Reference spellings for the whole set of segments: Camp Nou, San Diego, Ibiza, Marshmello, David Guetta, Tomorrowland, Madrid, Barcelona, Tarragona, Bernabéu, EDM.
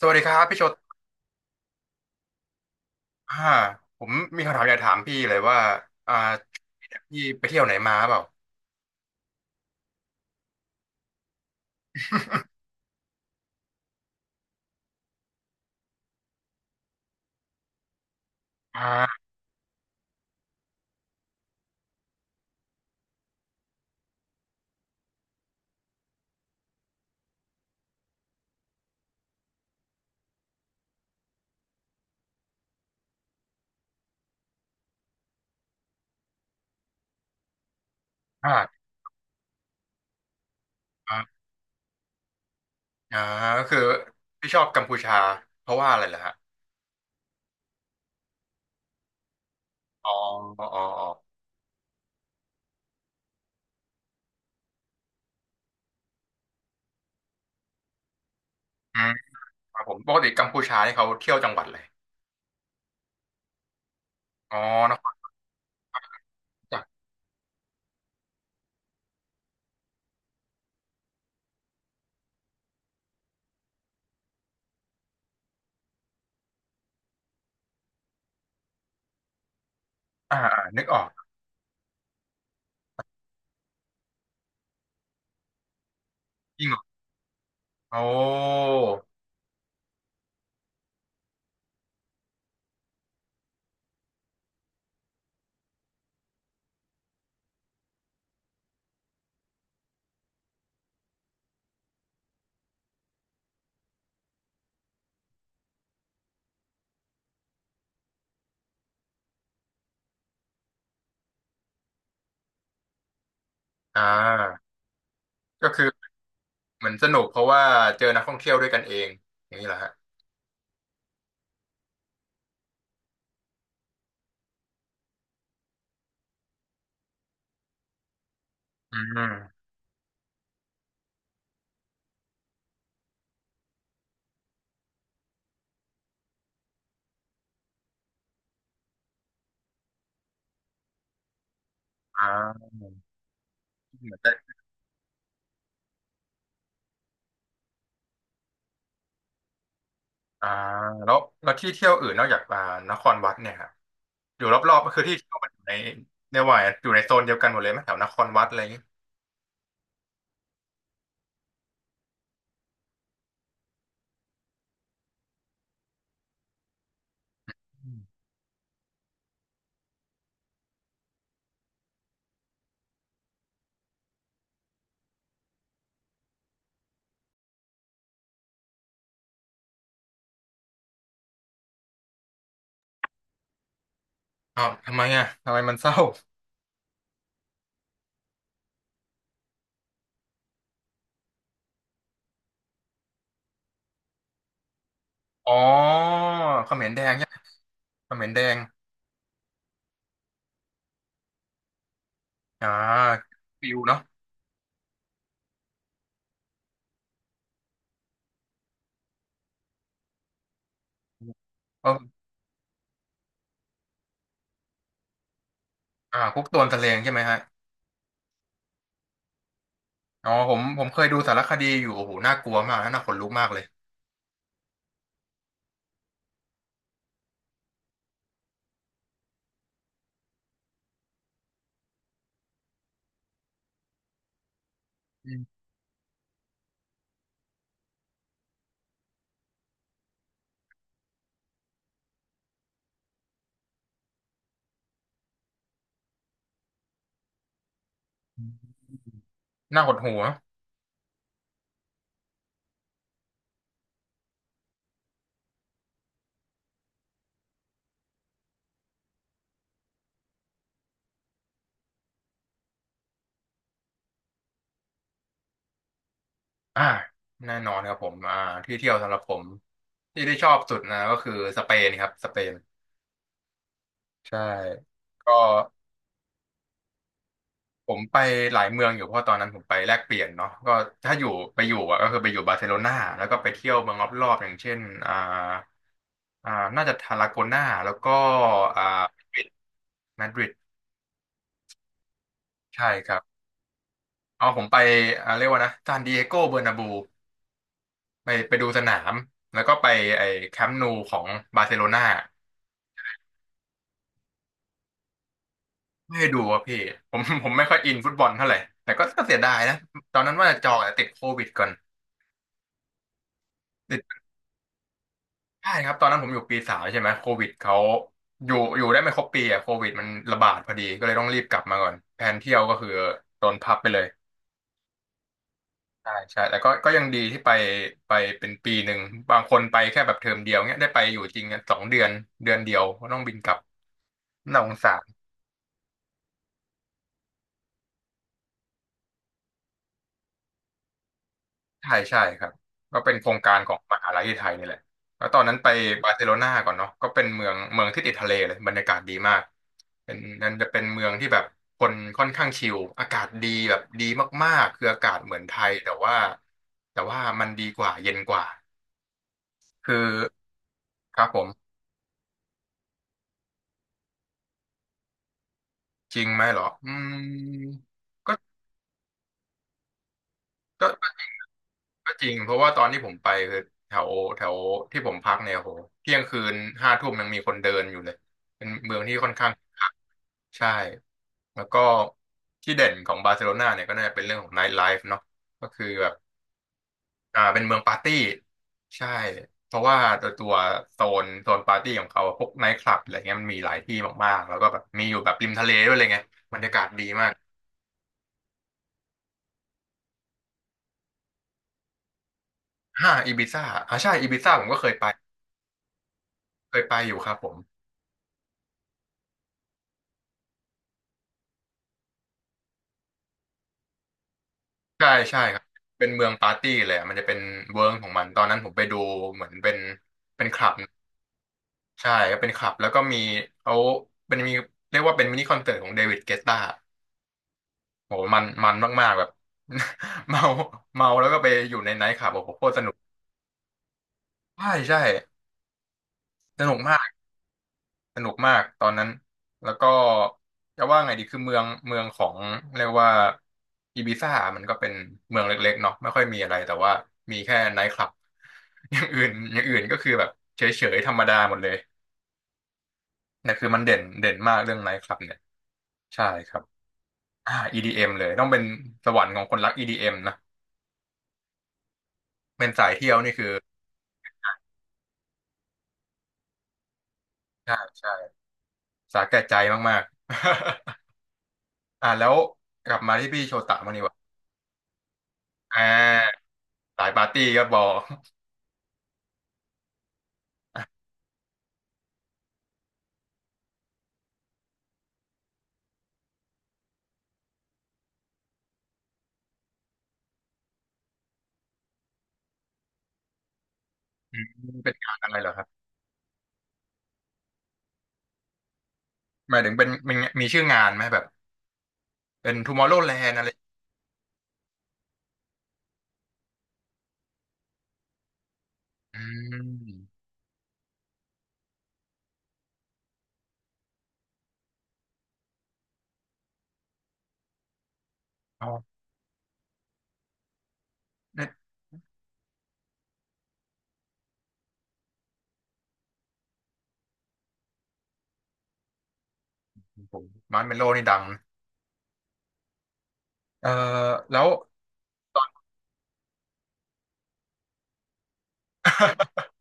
สวัสดีครับพี่โชตอ่าผมมีคำถามอยากถามพี่เลยว่าอ่าพี่ไปเที่ยวไหนมาเปล่าอ่าอ่าอ่าอ่าก็คือพี่ชอบกัมพูชาเพราะว่าอะไรเหรอฮะอ๋ออ๋ออ๋ออืมครับผมปกติกัมพูชานี่เขาเที่ยวจังหวัดเลยอ๋อนครจักรอ่าอ่านึกออกจริงเหรอโอ้อ่าก็คือเหมือนสนุกเพราะว่าเจอนักท่องเที่ยวด้วยกันเองอย่างนี้เหรอฮะอืมอ่า อ่าแล้วที่เที่ยวอื่นนอกจากนครวัดเนี่ยครับอยู่รอบๆก็คือที่เที่ยวมันอยู่ในในวัยอยู่ในโซนเดียวกันหมดเลยไหมแถวนครวัดอะไรอย่างงี้อืมอ้าวทำไมอ่ะทำไมมันเศร้าอ๋อเขมรแดงใช่ไหมเขมรแดงอ่าฟิวเนาะเออคุกโดนตะเลงใช่ไหมฮะอ๋อผมเคยดูสารคดีอยู่โอ้โหน่ากลัวมากนะน่าขนลุกมากเลยอืมน่าหดหู่นะอ่าแน่นอนครับผมที่เที่ยวสำหรับผมที่ที่ชอบสุดนะก็คือสเปนครับสเปน ใช่ก็ผมไปหลายเมืองอยู่เพราะตอนนั้นผมไปแลกเปลี่ยนเนาะก็ถ้าอยู่ไปอยู่อะก็คือไปอยู่บาร์เซโลนาแล้วก็ไปเที่ยวเมืองรอบๆอย่างเช่นอ่าน่าจะทาราโกนาแล้วก็อ่ามาดริดใช่ครับผมไปเรียกว่านะซานดิเอโกเบอร์นาบูไปไปดูสนามแล้วก็ไปไอ้แคมป์นูของบาร์เซโลนาไม่ได้ดูอะพี่ผมไม่ค่อยอินฟุตบอลเท่าไหร่แต่ก็เสียดายนะตอนนั้นว่าจะจองแต่ติดโควิดก่อน ใช่ครับตอนนั้นผมอยู่ปีสามใช่ไหมโควิดเขาอยู่ได้ไม่ครบปีอ่ะโควิดมันระบาดพอดีก็เลยต้องรีบกลับมาก่อนแผนเที่ยวก็คือโดนพับไปเลยใช่ใช่แต่ก็ยังดีที่ไปเป็นปีหนึ่งบางคนไปแค่แบบเทอมเดียวเนี้ยได้ไปอยู่จริงอะสองเดือนเดือนเดียวก็ต้องบินกลับน่าสงสาร ใช่ใช่ครับก็เป็นโครงการของมหาลัยที่ไทยนี่แหละแล้วตอนนั้นไปบาร์เซโลนาก่อนเนาะก็เป็นเมืองที่ติดทะเลเลยบรรยากาศดีมากเป็นนั่นจะเป็นเมืองที่แบบคนค่อนข้างชิลอากาศดีแบบดีมากๆคืออากาศเหมือนไทยแต่ว่ามันดีกว่าเย็นกว่าคือครับผมจริงไหมเหรออืมก็ก็ก็ก็จริงเพราะว่าตอนที่ผมไปคือแถวแถวที่ผมพักเนี่ยโหเที่ยงคืนห้าทุ่มยังมีคนเดินอยู่เลยเป็นเมืองที่ค่อนข้าง ใช่แล้วก็ที่เด่นของบาร์เซโลนาเนี่ยก็น่าจะเป็นเรื่องของไนท์ไลฟ์เนาะก็คือแบบเป็นเมืองปาร์ตี้ใช่เพราะว่าตัวโซโซนปาร์ตี้ของเขาพวกไนท์คลับอะไรเงี้ยมันมีหลายที่มากๆแล้วก็แบบมีอยู่แบบริมทะเลด้วยเลยไงบรรยากาศดีมากห้าอีบิซ่าอ่าใช่อีบิซ่าผมก็เคยไปอยู่ครับผมใช่ใช่ครับเป็นเมืองปาร์ตี้เลยอะมันจะเป็นเวิร์กของมันตอนนั้นผมไปดูเหมือนเป็นคลับ ใช่ก็เป็นคลับแล้วก็มีเขาเป็นมีเรียกว่าเป็นมินิคอนเสิร์ตของเดวิดเกตตาโหมันมากๆแบบ เมาเมาแล้วก็ไปอยู่ในไนท์คลับโอ้โหโคตรสนุกใช่ใช่สนุกมากสนุกมากตอนนั้นแล้วก็จะว่าไงดีคือเมืองของเรียกว่าอีบิซ่ามันก็เป็นเมืองเล็กๆเนาะไม่ค่อยมีอะไรแต่ว่ามีแค่ไนท์คลับ อย่างอื่นอย่างอื่นก็คือแบบเฉยๆธรรมดาหมดเลยแต่ยคือมันเด่นเด่นมากเรื่องไนท์คลับเนี่ยใช่ครับ EDM เอ็มเลยต้องเป็นสวรรค์ของคนรัก EDM นะเป็นสายเที่ยวนี่คือใช่ใช่สาแก่ใจมากๆ แล้วกลับมาที่พี่โชตะมางดีกว่าอ่าสายปาร์ตี้ก็บอกอืม เป็นงานอะไรเหรอครับหมายถึงเป็นมีชื่องานไหมแบบเป็น Tomorrowland อร์โรแลนด์อะไรอืมอ๋อเนี่ยผมมาร์ชเมลโลนี่ดังนะเออแล้ว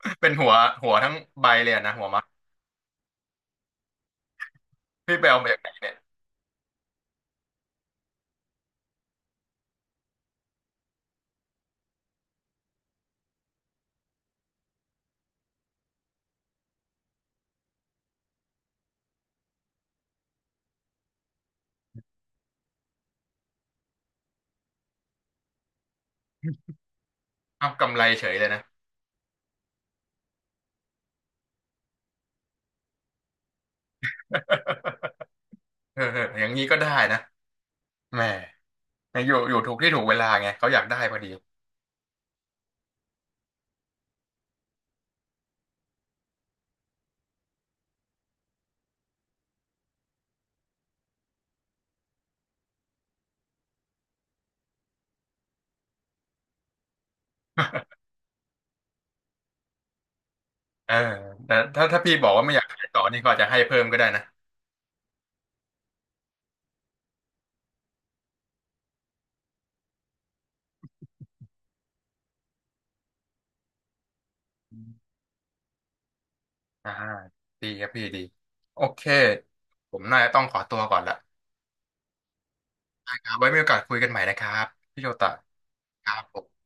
เป็นหัวหัวทั้งใบเลยอะนะหัวมัดพี่ไปเอามาจากไหนเนี่ยเอากำไรเฉยเลยนะ เออเอออย่างนี้ก็ได้นะ แหม่อยู่อยู่ถูกที่ถูกเวลาไง เขาอยากได้พอดีเออแต่ถ้าพี่บอกว่าไม่อยากขายต่อนี่ก็อาจจะให้เพิ่มก็ได้นะอมอ่าดีครับพี่ดี โอเค ผมน่าจะต้องขอตัวก่อนละครับไว้มีโอกาสคุยกันใหม่นะครับพี่โชตะครับผม